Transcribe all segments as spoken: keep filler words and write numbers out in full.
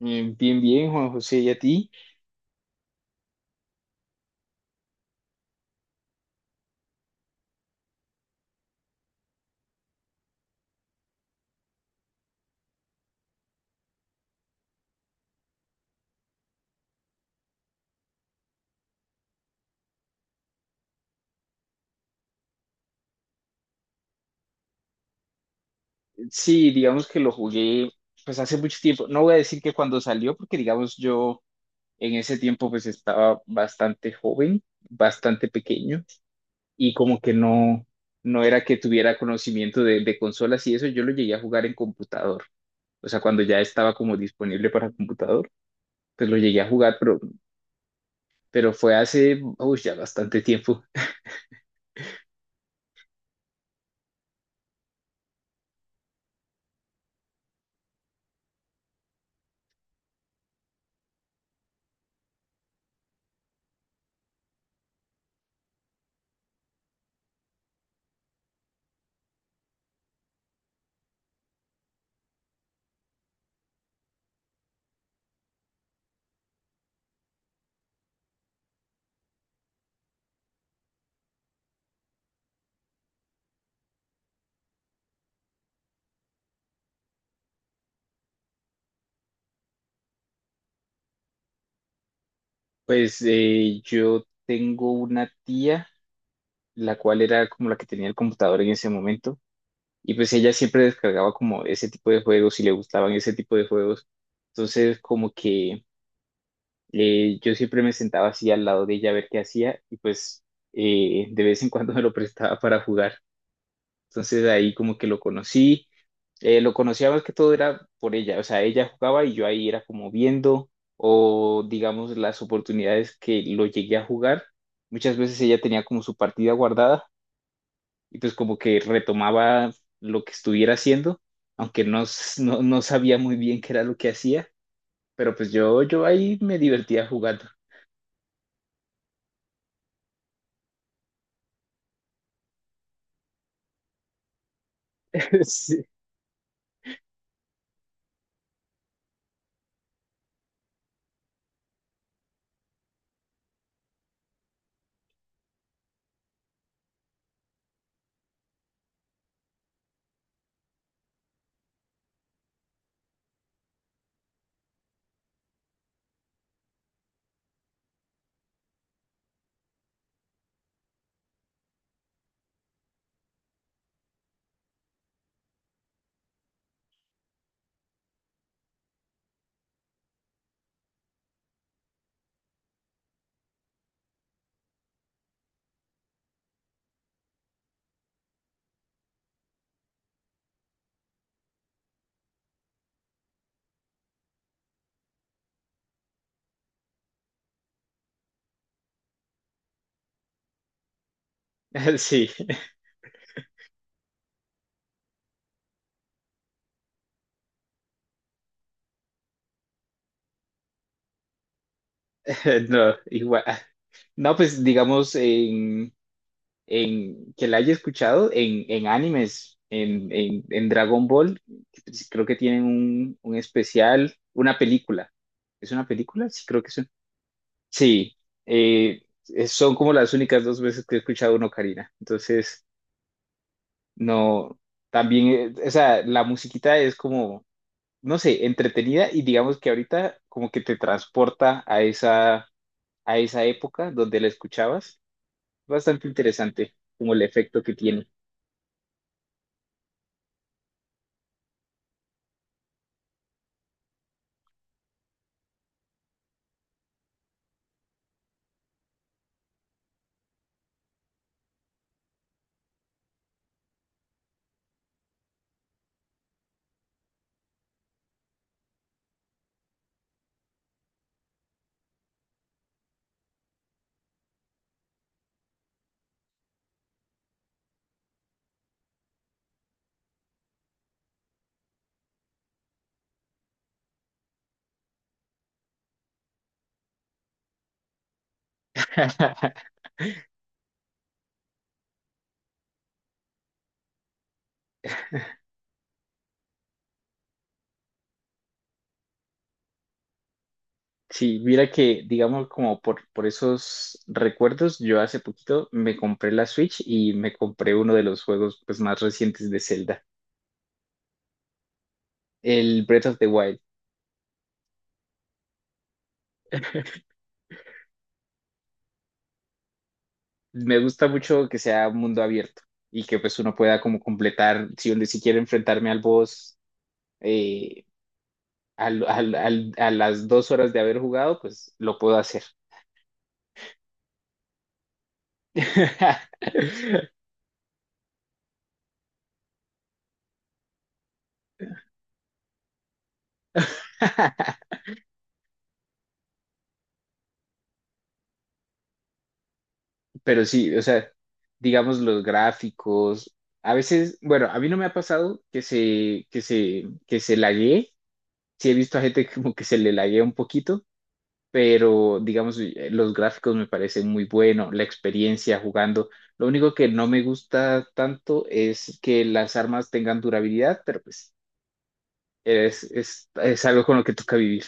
Eh, Bien, bien, Juan José, ¿y a ti? Sí, digamos que lo jugué pues hace mucho tiempo. No voy a decir que cuando salió, porque digamos yo en ese tiempo pues estaba bastante joven, bastante pequeño y como que no, no era que tuviera conocimiento de, de consolas y eso, yo lo llegué a jugar en computador. O sea, cuando ya estaba como disponible para computador, pues lo llegué a jugar, pero, pero fue hace, uy, ya bastante tiempo. Pues eh, yo tengo una tía, la cual era como la que tenía el computador en ese momento. Y pues ella siempre descargaba como ese tipo de juegos y le gustaban ese tipo de juegos. Entonces como que eh, yo siempre me sentaba así al lado de ella a ver qué hacía y pues eh, de vez en cuando me lo prestaba para jugar. Entonces ahí como que lo conocí. Eh, lo conocía más que todo era por ella, o sea, ella jugaba y yo ahí era como viendo o digamos las oportunidades que lo llegué a jugar. Muchas veces ella tenía como su partida guardada y pues como que retomaba lo que estuviera haciendo, aunque no, s- no, no sabía muy bien qué era lo que hacía, pero pues yo, yo ahí me divertía jugando. Sí. Sí. No, igual. No, pues digamos en, en que la haya escuchado en, en animes, en, en, en Dragon Ball, creo que tienen un, un especial, una película. ¿Es una película? Sí, creo que es. Sí, eh, es- son como las únicas dos veces que he escuchado una ocarina. Entonces, no, también, eh, o sea, la musiquita es como, no sé, entretenida y digamos que ahorita como que te transporta a esa, a esa época donde la escuchabas. Bastante interesante como el efecto que tiene. Sí, mira que, digamos, como por, por esos recuerdos, yo hace poquito me compré la Switch y me compré uno de los juegos pues, más recientes de Zelda, el Breath of the Wild. Me gusta mucho que sea mundo abierto y que pues uno pueda como completar, si, uno- si quiero enfrentarme al boss eh, al- al- al- a las dos horas de haber jugado, pues lo puedo hacer. Pero sí, o sea, digamos los gráficos, a veces, bueno, a mí no me ha pasado que se, que se, que se laguee, sí he visto a gente como que se le laguea un poquito pero digamos, eh, los gráficos me parecen muy buenos, la experiencia jugando. Lo único que no me gusta tanto es que las armas tengan durabilidad, pero pues es, es, es algo con lo que toca vivir.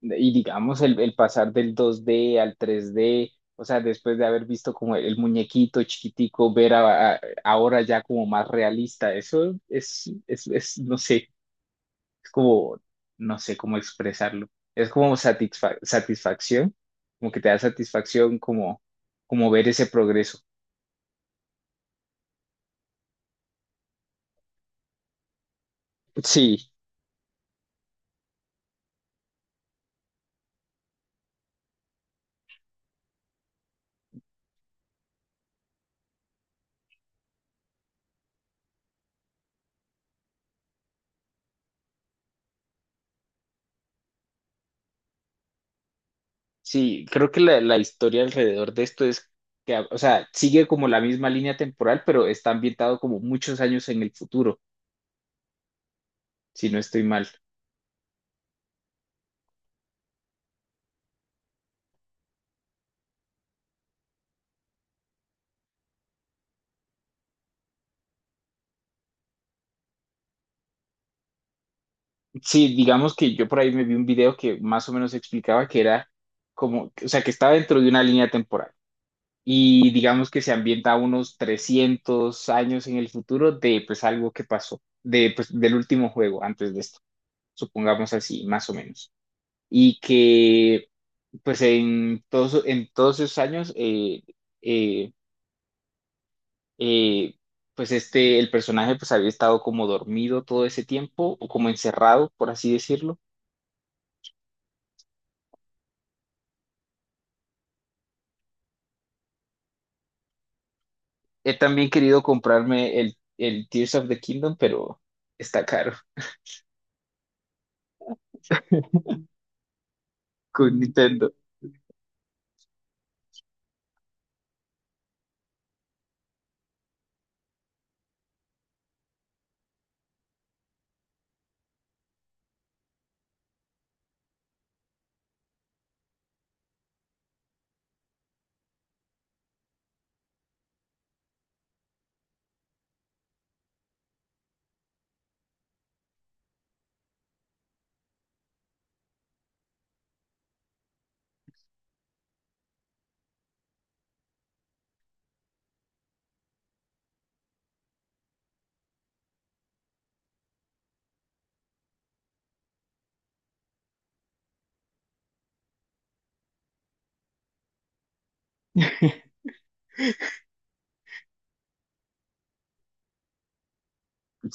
Y digamos, el, el pasar del dos D al tres D, o sea, después de haber visto como el, el muñequito chiquitico, ver a- a- ahora ya como más realista, eso es, es, es, no sé, es como, no sé cómo expresarlo, es como satisfa- satisfacción, como que te da satisfacción como, como ver ese progreso. Sí, sí, creo que la, la historia alrededor de esto es que, o sea, sigue como la misma línea temporal, pero está ambientado como muchos años en el futuro, si no estoy mal. Sí, digamos que yo por ahí me vi un video que más o menos explicaba que era como, o sea, que estaba dentro de una línea temporal y digamos que se ambienta unos trescientos años en el futuro de pues algo que pasó, de, pues, del último juego antes de esto, supongamos así, más o menos. Y que pues en todos, en todos esos años, eh, eh, eh, pues este, el personaje pues había estado como dormido todo ese tiempo, o como encerrado, por así decirlo. He también querido comprarme el, el Tears of the Kingdom, pero está caro con Nintendo.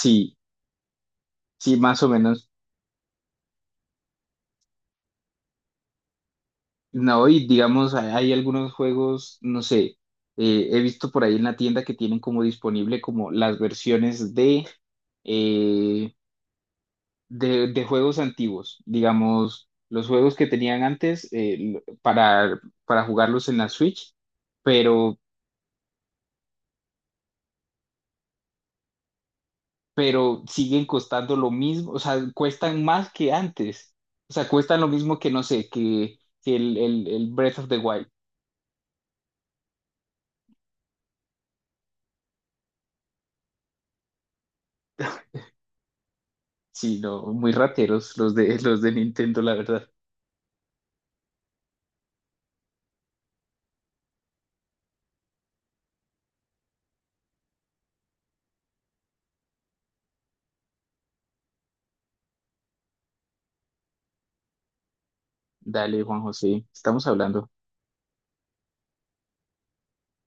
Sí, sí, más o menos. No, y digamos, hay hay algunos juegos, no sé, eh, he visto por ahí en la tienda que tienen como disponible como las versiones de, eh, de, de juegos antiguos, digamos, los juegos que tenían antes eh, l- para, para jugarlos en la Switch, pero, pero siguen costando lo mismo, o sea, cuestan más que antes, o sea, cuestan lo mismo que, no sé, que, que el, el, el Breath of the Wild, sí, no, muy rateros los de, los de Nintendo, la verdad. Dale, Juan José, estamos hablando.